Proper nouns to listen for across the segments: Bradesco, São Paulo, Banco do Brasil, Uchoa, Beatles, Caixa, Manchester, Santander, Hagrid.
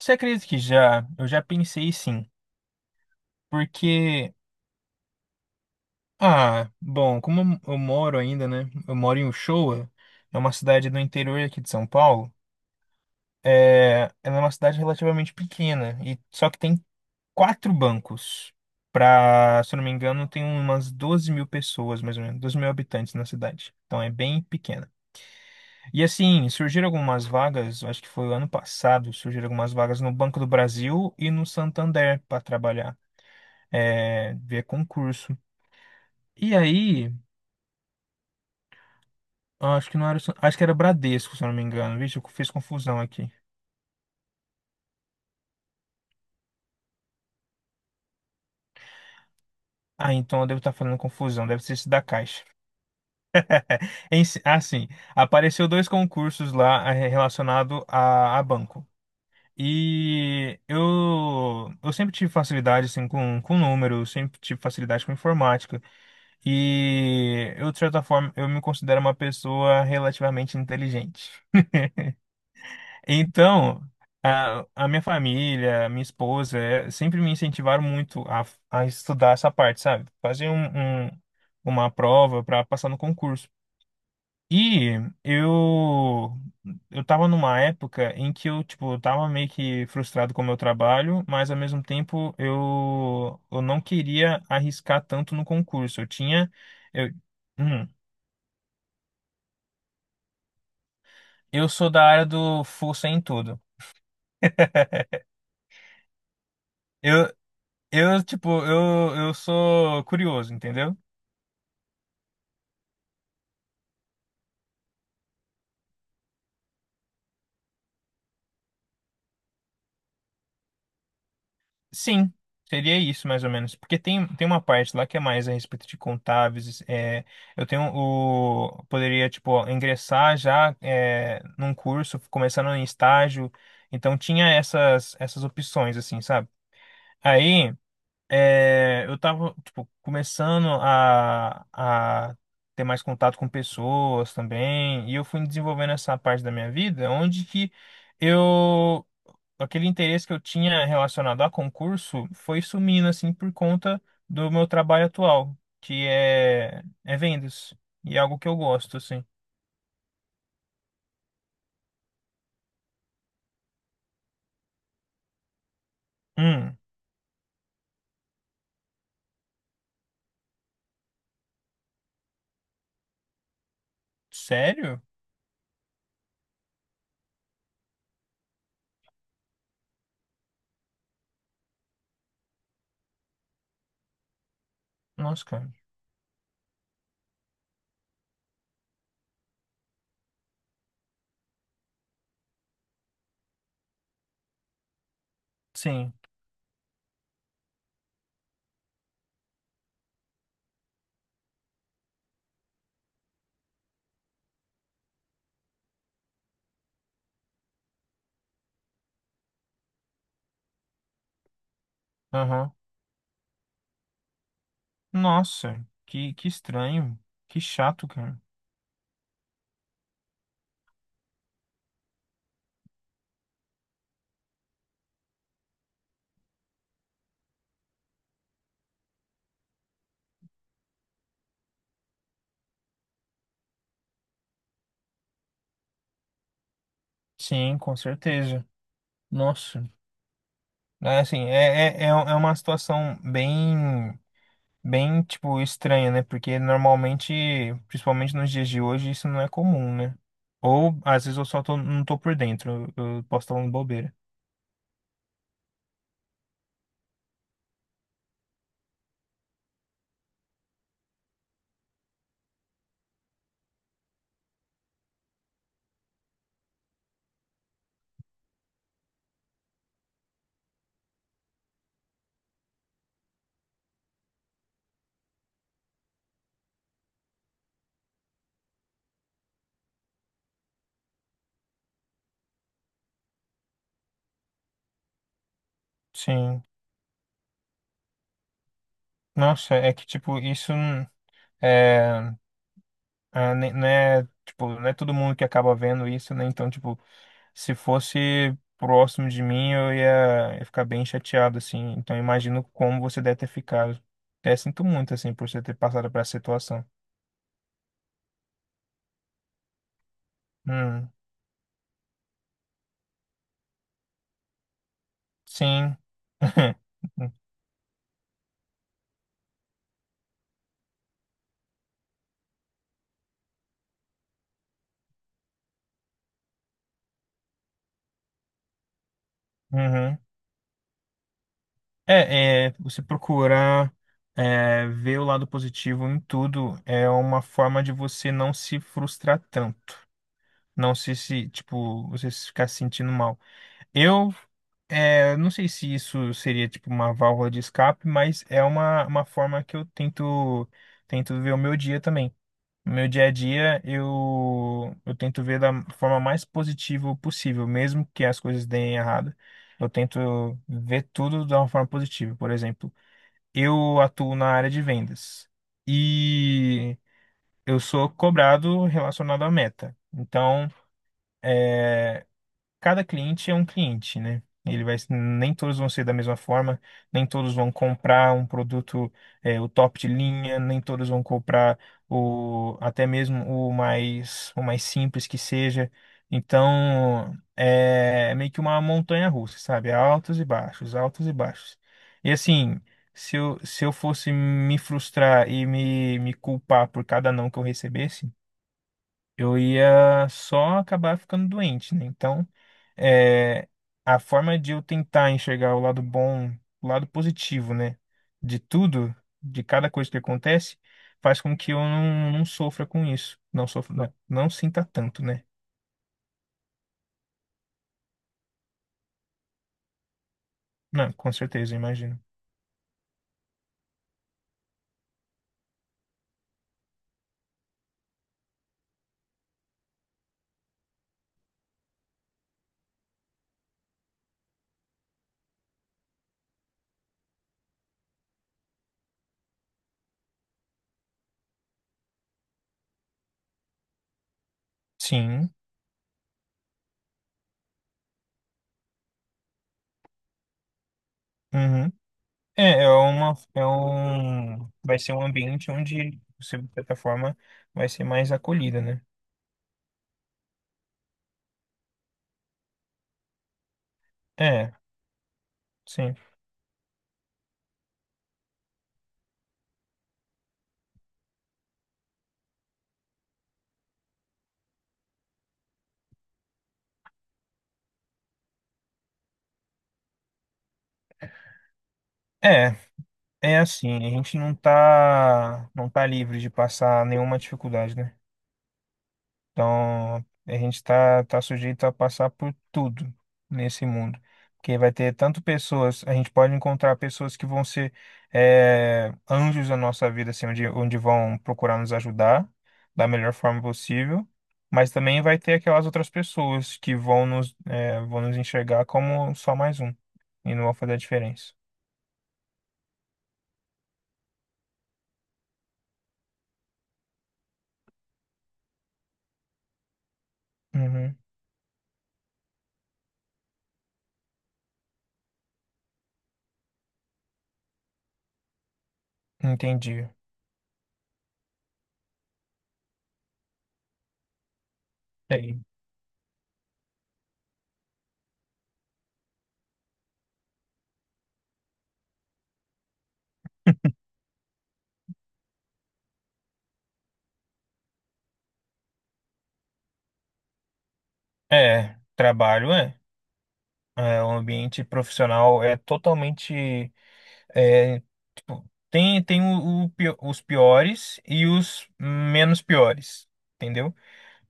Você acredita que já? Eu já pensei, sim. Porque, ah, bom, como eu moro ainda, né? Eu moro em Uchoa, é uma cidade do interior aqui de São Paulo. É, ela é uma cidade relativamente pequena, e só que tem quatro bancos. Pra, se eu não me engano, tem umas 12 mil pessoas, mais ou menos, 12 mil habitantes na cidade. Então é bem pequena. E assim, surgiram algumas vagas, eu acho que foi o ano passado, surgiram algumas vagas no Banco do Brasil e no Santander para trabalhar. É, via concurso. E aí, acho que não era, acho que era Bradesco, se eu não me engano. Vixe, eu fiz confusão aqui. Ah, então eu devo estar falando confusão, deve ser esse da Caixa. Em si- Ah, Apareceu dois concursos lá relacionado a, banco. E eu sempre tive facilidade assim, com, número, sempre tive facilidade com informática. E eu, de certa forma, eu me considero uma pessoa relativamente inteligente. Então, a, minha família, minha esposa, sempre me incentivaram muito a, estudar essa parte, sabe? Fazer uma prova para passar no concurso. E eu eu tava numa época em que eu, tipo, eu tava meio que frustrado com o meu trabalho, mas ao mesmo tempo eu não queria arriscar tanto no concurso. Eu tinha, eu, hum, eu sou da área do força em tudo. eu eu sou curioso, entendeu? Sim, seria isso mais ou menos. Porque tem uma parte lá que é mais a respeito de contábeis. É, eu tenho o. Poderia, tipo, ingressar já num curso, começando em estágio. Então tinha essas, opções, assim, sabe? Aí eu tava, tipo, começando a, ter mais contato com pessoas também. E eu fui desenvolvendo essa parte da minha vida, onde que eu. Aquele interesse que eu tinha relacionado a concurso foi sumindo, assim, por conta do meu trabalho atual, que é vendas. E é algo que eu gosto, assim. Hum, sério? Nossa, cara. Sim. Aham. Nossa, que, estranho. Que chato, cara. Sim, com certeza. Nossa. É, assim, é uma situação bem, tipo, estranha, né? Porque normalmente, principalmente nos dias de hoje, isso não é comum, né? Ou às vezes eu só tô, não tô por dentro, eu posso estar falando bobeira. Sim. Nossa, é que, tipo, isso, é, não é, tipo, não é todo mundo que acaba vendo isso, né? Então, tipo, se fosse próximo de mim, eu ia ficar bem chateado, assim. Então, eu imagino como você deve ter ficado. Até sinto muito, assim, por você ter passado por essa situação. Hum, sim. Uhum. É, você procurar ver o lado positivo em tudo é uma forma de você não se frustrar tanto, não se, tipo, você se ficar se sentindo mal. Eu, não sei se isso seria tipo uma válvula de escape, mas é uma, forma que eu tento ver o meu dia também. No meu dia a dia, eu tento ver da forma mais positiva possível, mesmo que as coisas deem errado. Eu tento ver tudo de uma forma positiva. Por exemplo, eu atuo na área de vendas e eu sou cobrado relacionado à meta. Então, eh, cada cliente é um cliente, né? Ele vai, nem todos vão ser da mesma forma, nem todos vão comprar um produto, é, o top de linha, nem todos vão comprar o até mesmo o mais simples que seja. Então, é meio que uma montanha russa, sabe? Altos e baixos, altos e baixos. E assim, se eu fosse me frustrar e me culpar por cada não que eu recebesse, eu ia só acabar ficando doente, né? Então, é, a forma de eu tentar enxergar o lado bom, o lado positivo, né? De tudo, de cada coisa que acontece, faz com que eu não, não sofra com isso. Não sofra, não, não sinta tanto, né? Não, com certeza, eu imagino. Sim. Uhum. É, é uma, vai ser um ambiente onde você, de certa forma, vai ser mais acolhida, né? É, sim. É, É assim, a gente não tá livre de passar nenhuma dificuldade, né? Então, a gente tá sujeito a passar por tudo nesse mundo. Porque vai ter tanto pessoas, a gente pode encontrar pessoas que vão ser, é, anjos na nossa vida, assim, onde, vão procurar nos ajudar da melhor forma possível. Mas também vai ter aquelas outras pessoas que vão nos enxergar como só mais um e não vão fazer a diferença. Uhum, entendi. É Trabalho é. É, o ambiente profissional é totalmente. É, tipo, tem os piores e os menos piores, entendeu?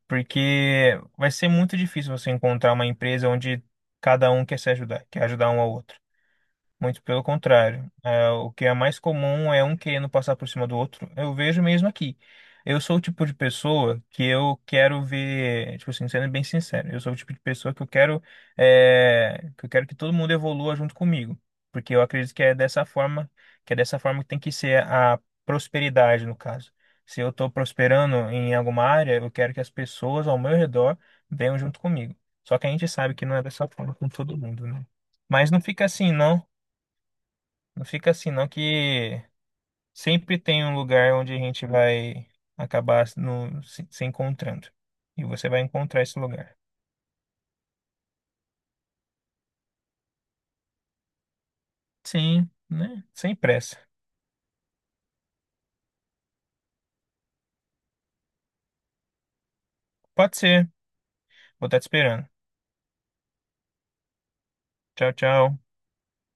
Porque vai ser muito difícil você encontrar uma empresa onde cada um quer se ajudar, quer ajudar um ao outro. Muito pelo contrário. É, o que é mais comum é um querendo passar por cima do outro. Eu vejo mesmo aqui. Eu sou o tipo de pessoa que eu quero ver, tipo assim, sendo bem sincero, eu sou o tipo de pessoa que eu quero que todo mundo evolua junto comigo, porque eu acredito que é dessa forma, que é dessa forma que tem que ser a prosperidade, no caso. Se eu estou prosperando em alguma área, eu quero que as pessoas ao meu redor venham junto comigo. Só que a gente sabe que não é dessa forma com todo mundo, né? Mas não fica assim, não. Não fica assim, não, que sempre tem um lugar onde a gente vai acabar se encontrando. E você vai encontrar esse lugar. Sim, né? Sem pressa. Pode ser. Vou estar te esperando. Tchau, tchau.